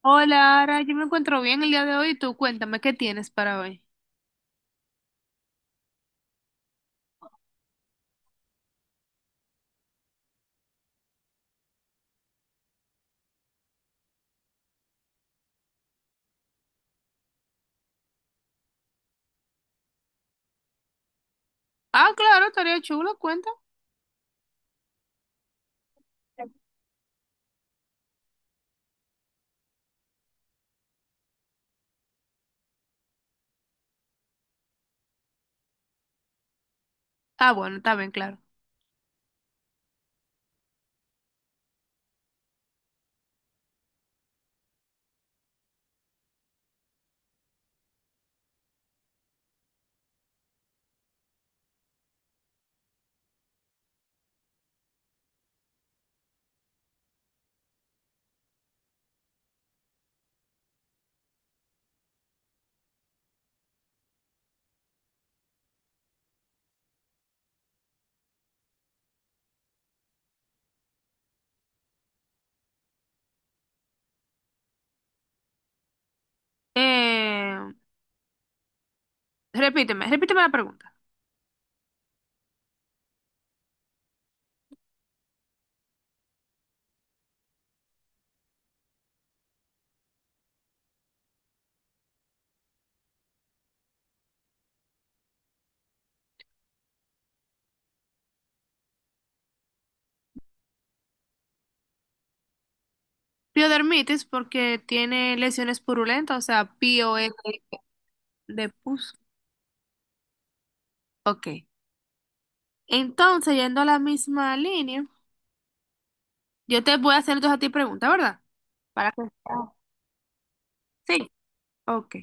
Hola, Ara, yo me encuentro bien el día de hoy. Tú cuéntame, ¿qué tienes para hoy? Ah, claro, estaría chulo, cuenta. Ah, bueno, está bien, claro. Eh, repíteme la pregunta. Piodermitis porque tiene lesiones purulentas, o sea, POE de pus. Ok. Entonces, yendo a la misma línea, yo te voy a hacer entonces a ti pregunta, ¿verdad? Para que... Ah, sí. Ok.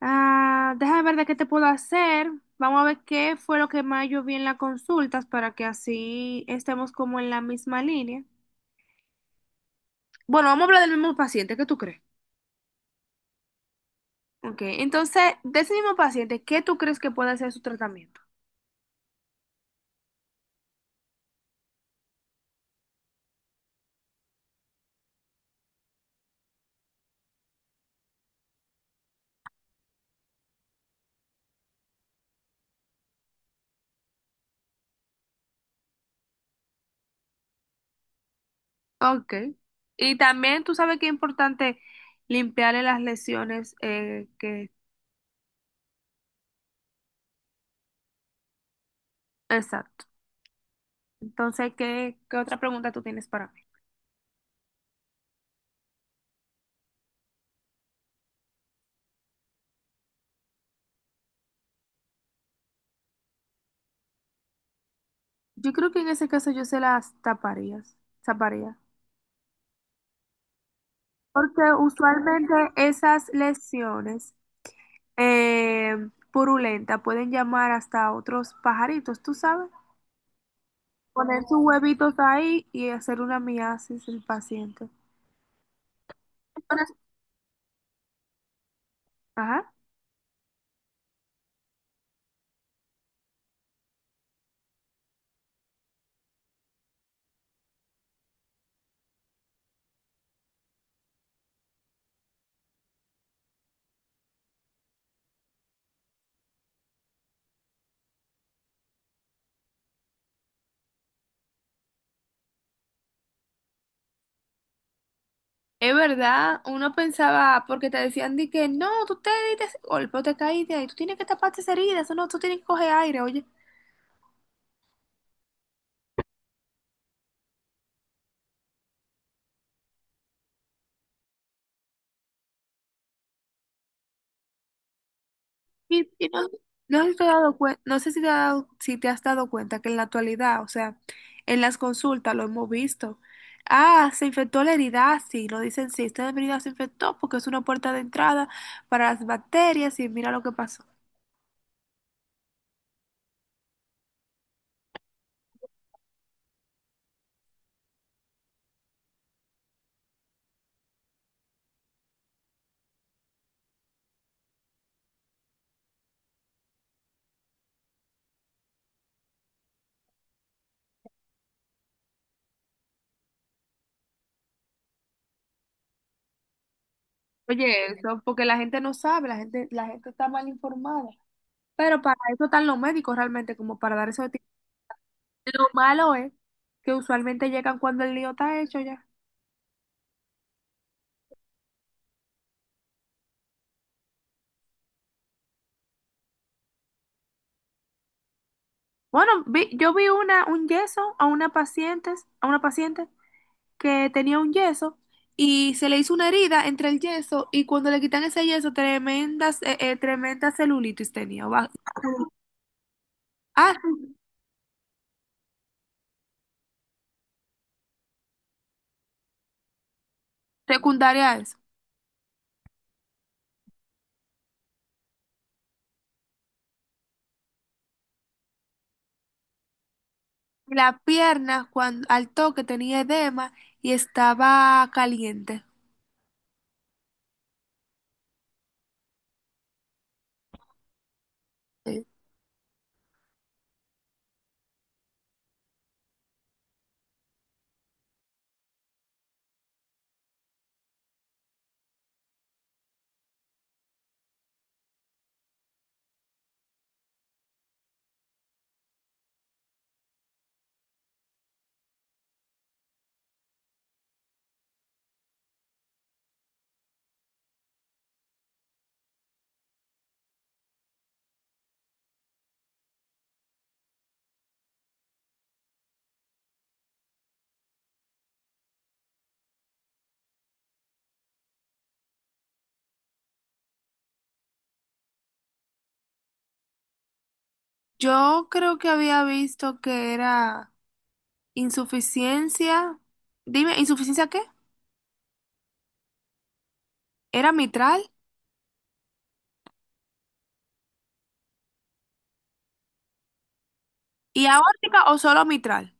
Ah, déjame ver de qué te puedo hacer. Vamos a ver qué fue lo que más yo vi en las consultas para que así estemos como en la misma línea. Bueno, vamos a hablar del mismo paciente, ¿qué tú crees? Ok, entonces, de ese mismo paciente, ¿qué tú crees que puede ser su tratamiento? Ok. Y también tú sabes que es importante limpiarle las lesiones que... Exacto. Entonces, ¿qué otra pregunta tú tienes para mí? Yo creo que en ese caso yo se las taparías, taparía. Porque usualmente esas lesiones eh, purulentas pueden llamar hasta a otros pajaritos, tú sabes, poner sus huevitos ahí y hacer una miasis el paciente. Entonces, ajá. Es verdad, uno pensaba, porque te decían de que no, tú te diste ese golpe o te caíste ahí, tú tienes que taparte esa herida, eso no, tú tienes que coger aire, oye. Y no, no sé si te has dado cuen- no sé si te has dado, si te has dado cuenta que en la actualidad, o sea, en las consultas lo hemos visto. Ah, se infectó la herida, ah, sí, lo dicen, sí, esta herida se infectó porque es una puerta de entrada para las bacterias y mira lo que pasó. Oye, eso, porque la gente no sabe, la gente está mal informada. Pero para eso están los médicos realmente, como para dar esos tips. Lo malo es que usualmente llegan cuando el lío está hecho ya. Bueno, yo vi una, un yeso a una paciente que tenía un yeso y se le hizo una herida entre el yeso y cuando le quitan ese yeso, tremendas, tremenda celulitis tenía. Ah, sí, secundaria a eso. Y la pierna, cuando, al toque, tenía edema y estaba caliente. Sí. Yo creo que había visto que era insuficiencia. Dime, ¿insuficiencia qué? ¿Era mitral? ¿Y aórtica o solo mitral?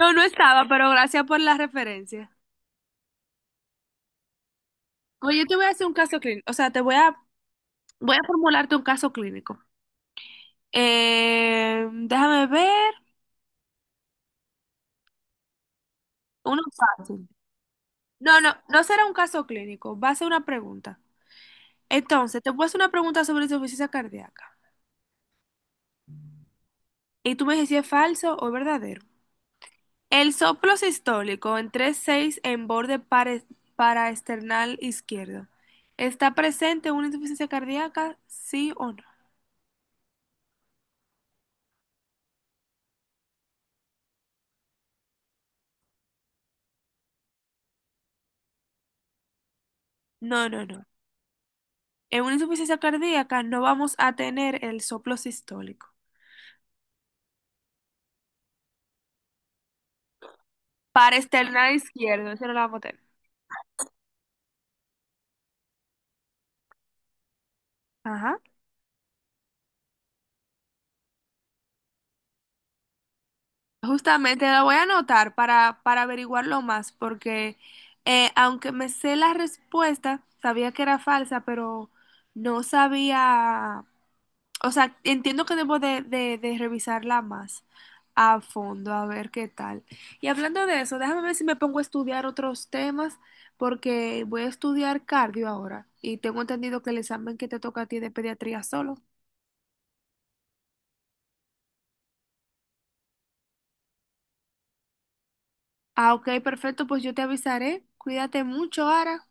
No, no estaba, pero gracias por la referencia. Oye, yo te voy a hacer un caso clínico. O sea, te voy a voy a formularte un caso clínico. Déjame ver. Uno fácil. No, no, no será un caso clínico, va a ser una pregunta. Entonces, te voy a hacer una pregunta sobre insuficiencia cardíaca. Y tú me dices si es falso o verdadero. El soplo sistólico en 3/6 en borde paraesternal izquierdo. ¿Está presente en una insuficiencia cardíaca? ¿Sí o no? No, no, no. En una insuficiencia cardíaca no vamos a tener el soplo sistólico. Paraesternal izquierdo, eso no lo vamos a tener. Ajá. Justamente la voy a anotar para averiguarlo más, porque aunque me sé la respuesta, sabía que era falsa, pero no sabía, o sea, entiendo que debo de revisarla más a fondo, a ver qué tal. Y hablando de eso, déjame ver si me pongo a estudiar otros temas, porque voy a estudiar cardio ahora, y tengo entendido que el examen que te toca a ti es de pediatría solo. Ah, ok, perfecto, pues yo te avisaré. Cuídate mucho, Ara.